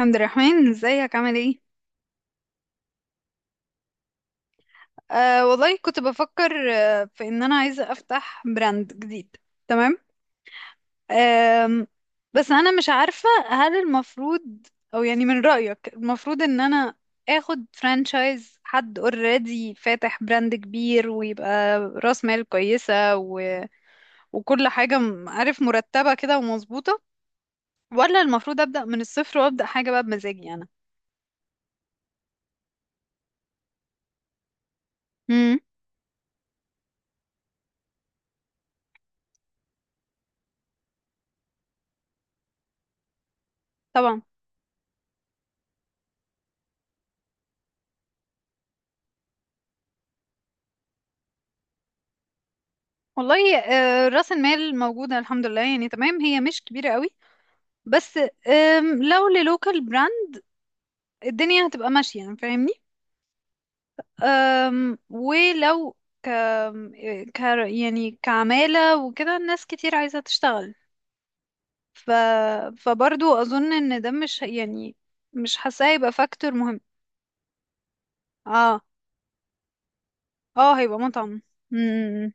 عبد الرحمن، ازيك؟ عامل ايه؟ آه والله، كنت بفكر في ان انا عايزه افتح براند جديد. تمام. آم، بس انا مش عارفه هل المفروض او يعني من رايك المفروض ان انا اخد فرانشايز حد اوريدي فاتح براند كبير ويبقى راس مال كويسه وكل حاجه عارف، مرتبه كده ومظبوطه، ولا المفروض ابدا من الصفر وابدا حاجه بقى بمزاجي انا. امم. طبعا. والله راس المال موجودة الحمد لله، يعني تمام، هي مش كبيرة قوي، بس لو للوكال براند الدنيا هتبقى ماشية، يعني فاهمني. ولو ك... ك يعني كعمالة وكده، ناس كتير عايزة تشتغل. ف... فبرضو أظن إن ده مش يعني مش حاساه هيبقى فاكتور مهم. اه. اه، هيبقى مطعم. مم.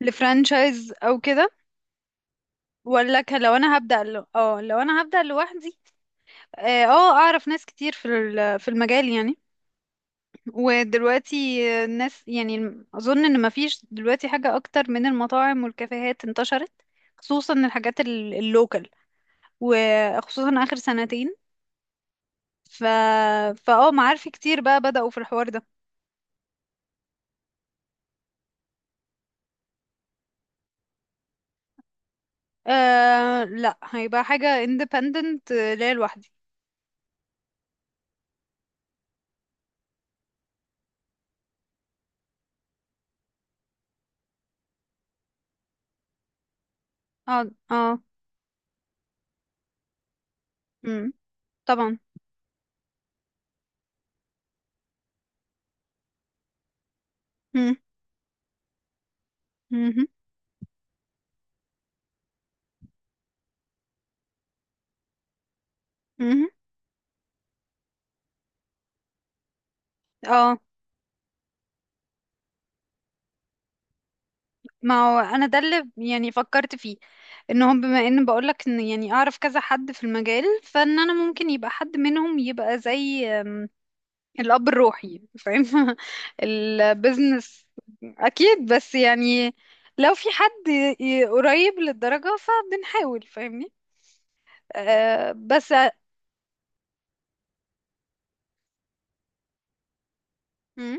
لفرانشايز أو كده، ولا لو أنا هبدأ لو أنا هبدأ لوحدي. اه، اعرف ناس كتير في المجال يعني. ودلوقتي الناس، يعني اظن ان مفيش دلوقتي حاجة اكتر من المطاعم والكافيهات انتشرت، خصوصا الحاجات اللوكال، وخصوصا اخر سنتين. ف معارفي كتير بقى بدأوا في الحوار ده. آه لا، هيبقى حاجة independent، ليا لوحدي. اه. اه. مم. طبعا. مم. مهم. مهم. اه، ما هو انا ده اللي يعني فكرت فيه، ان هم بما ان بقولك ان يعني اعرف كذا حد في المجال، فان انا ممكن يبقى حد منهم يبقى زي الاب الروحي، فاهم البيزنس. اكيد، بس يعني لو في حد قريب للدرجة فبنحاول، فاهمني. أه، بس. مم.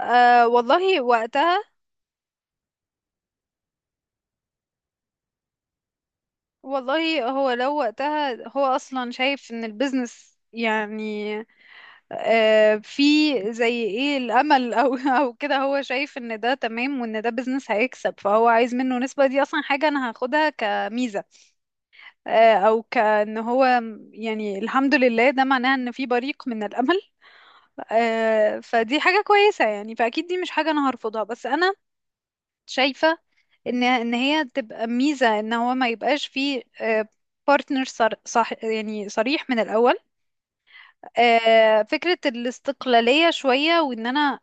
أه والله، وقتها والله، هو لو وقتها هو اصلا شايف ان البيزنس، يعني في زي ايه الامل، او او كده، هو شايف ان ده تمام وان ده بيزنس هيكسب، فهو عايز منه نسبة، دي اصلا حاجة انا هاخدها كميزة. او كان هو، يعني الحمد لله، ده معناه ان في بريق من الامل. فدي حاجة كويسة يعني، فاكيد دي مش حاجة انا هرفضها. بس انا شايفة ان هي تبقى ميزة، ان هو ما يبقاش فيه بارتنر، صح، يعني صريح من الاول. فكرة الاستقلالية شوية، وان انا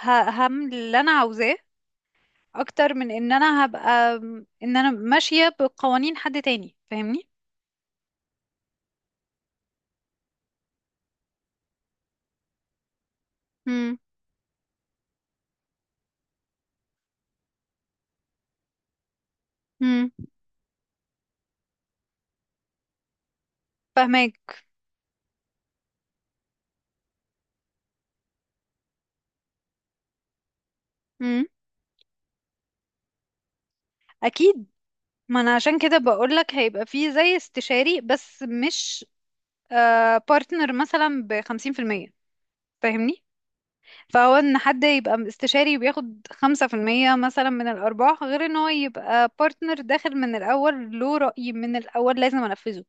هعمل اللي انا عاوزاه، اكتر من ان انا هبقى، ان انا ماشية بقوانين حد تاني، فاهمني. امم. امم. فاهماك. امم. اكيد. ما انا عشان كده بقولك هيبقى فيه زي استشاري، بس مش بارتنر، مثلا بخمسين في المية، فاهمني. فهو ان حد يبقى استشاري وبياخد 5% مثلا من الارباح، غير ان هو يبقى بارتنر داخل من الاول، له رأي من الاول لازم انفذه،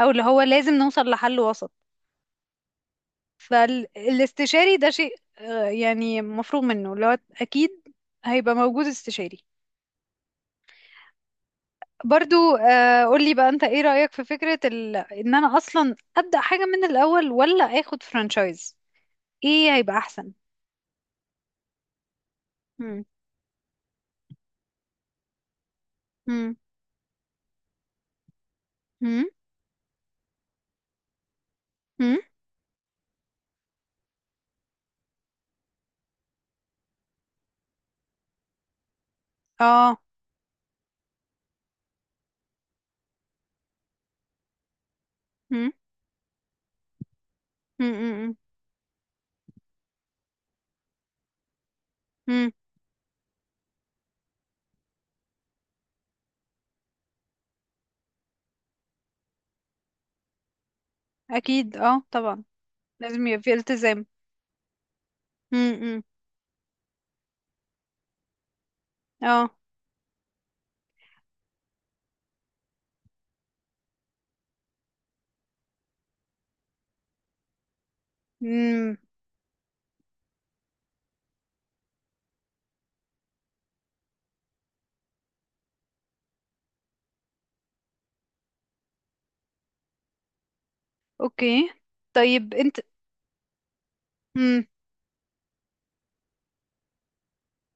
او اللي هو لازم نوصل لحل وسط. فالاستشاري ده شيء يعني مفروغ منه، اللي هو اكيد هيبقى موجود استشاري. برضو قولي بقى انت ايه رأيك في فكرة ان انا اصلا ابدأ حاجة من الاول، ولا اخد فرانشايز؟ ايه هيبقى احسن؟ مم. مم. مم. مم. اه. مم. مم. مم. مم. اكيد، اه، طبعا. لازم يبقى في التزام. مم. مم. اه. مم. اوكي، طيب انت. مم.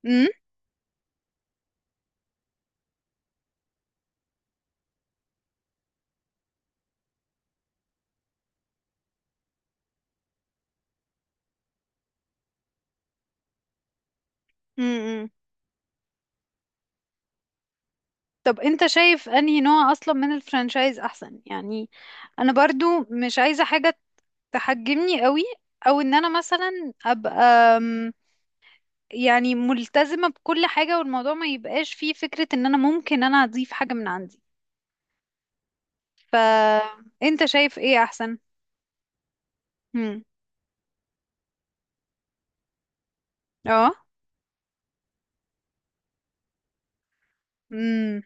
مم. مم. مم. طب انت شايف انهي نوع اصلا من الفرانشايز احسن يعني؟ انا برضو مش عايزة حاجة تحجمني قوي، او ان انا مثلا ابقى، أم، يعني ملتزمة بكل حاجة، والموضوع ما يبقاش فيه فكرة ان انا ممكن انا اضيف حاجة من عندي. فانت شايف ايه احسن؟ امم. اه. امم.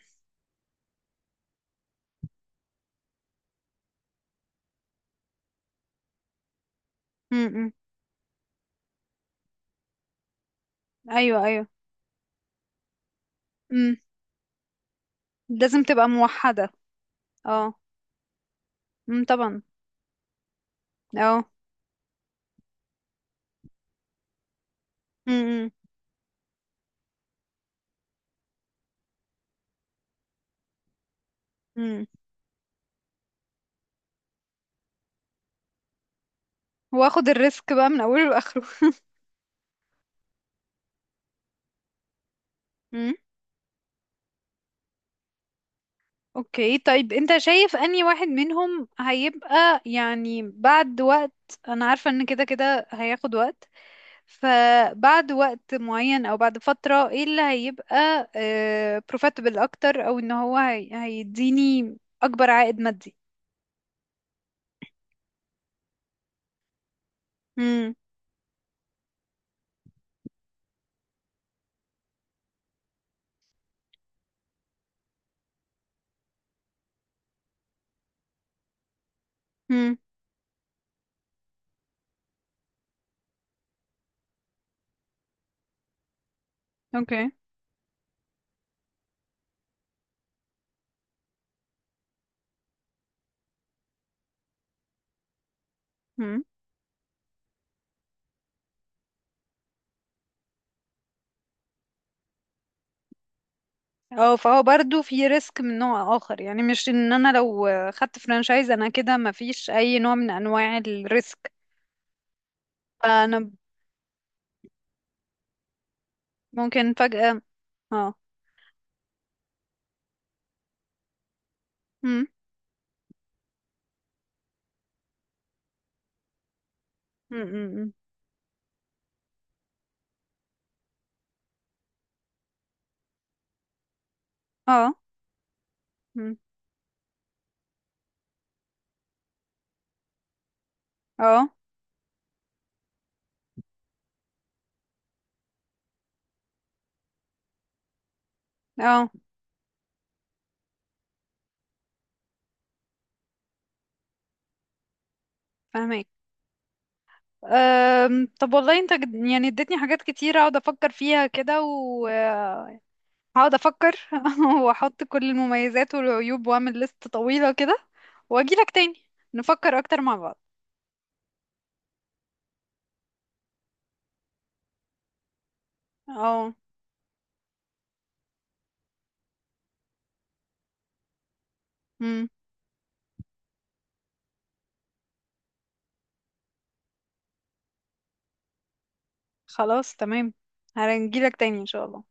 امم. ايوه، ايوه. امم. لازم تبقى موحدة. اه. امم، طبعا. اه. امم. امم. واخد الريسك بقى من اوله لاخره. اوكي، طيب انت شايف اني واحد منهم هيبقى يعني بعد وقت، انا عارفة ان كده كده هياخد وقت، فبعد وقت معين او بعد فترة ايه اللي هيبقى profitable اكتر، او ان هو هي هيديني اكبر عائد مادي؟ امم. امم. اوكي. امم. اه، فهو برضو في ريسك من نوع اخر، يعني مش ان انا لو خدت فرانشايز انا كده مفيش اي نوع من انواع الريسك. فانا ممكن فجأة. اه. امم. اه. مم. اه. اه. فاهمك. طب والله انت يعني اديتني حاجات كتير اقعد افكر فيها كده، وهقعد افكر واحط كل المميزات والعيوب واعمل لست طويلة كده، واجي لك تاني، نفكر اكتر مع بعض. اه. امم. خلاص، تمام، هنجي لك تاني ان شاء الله.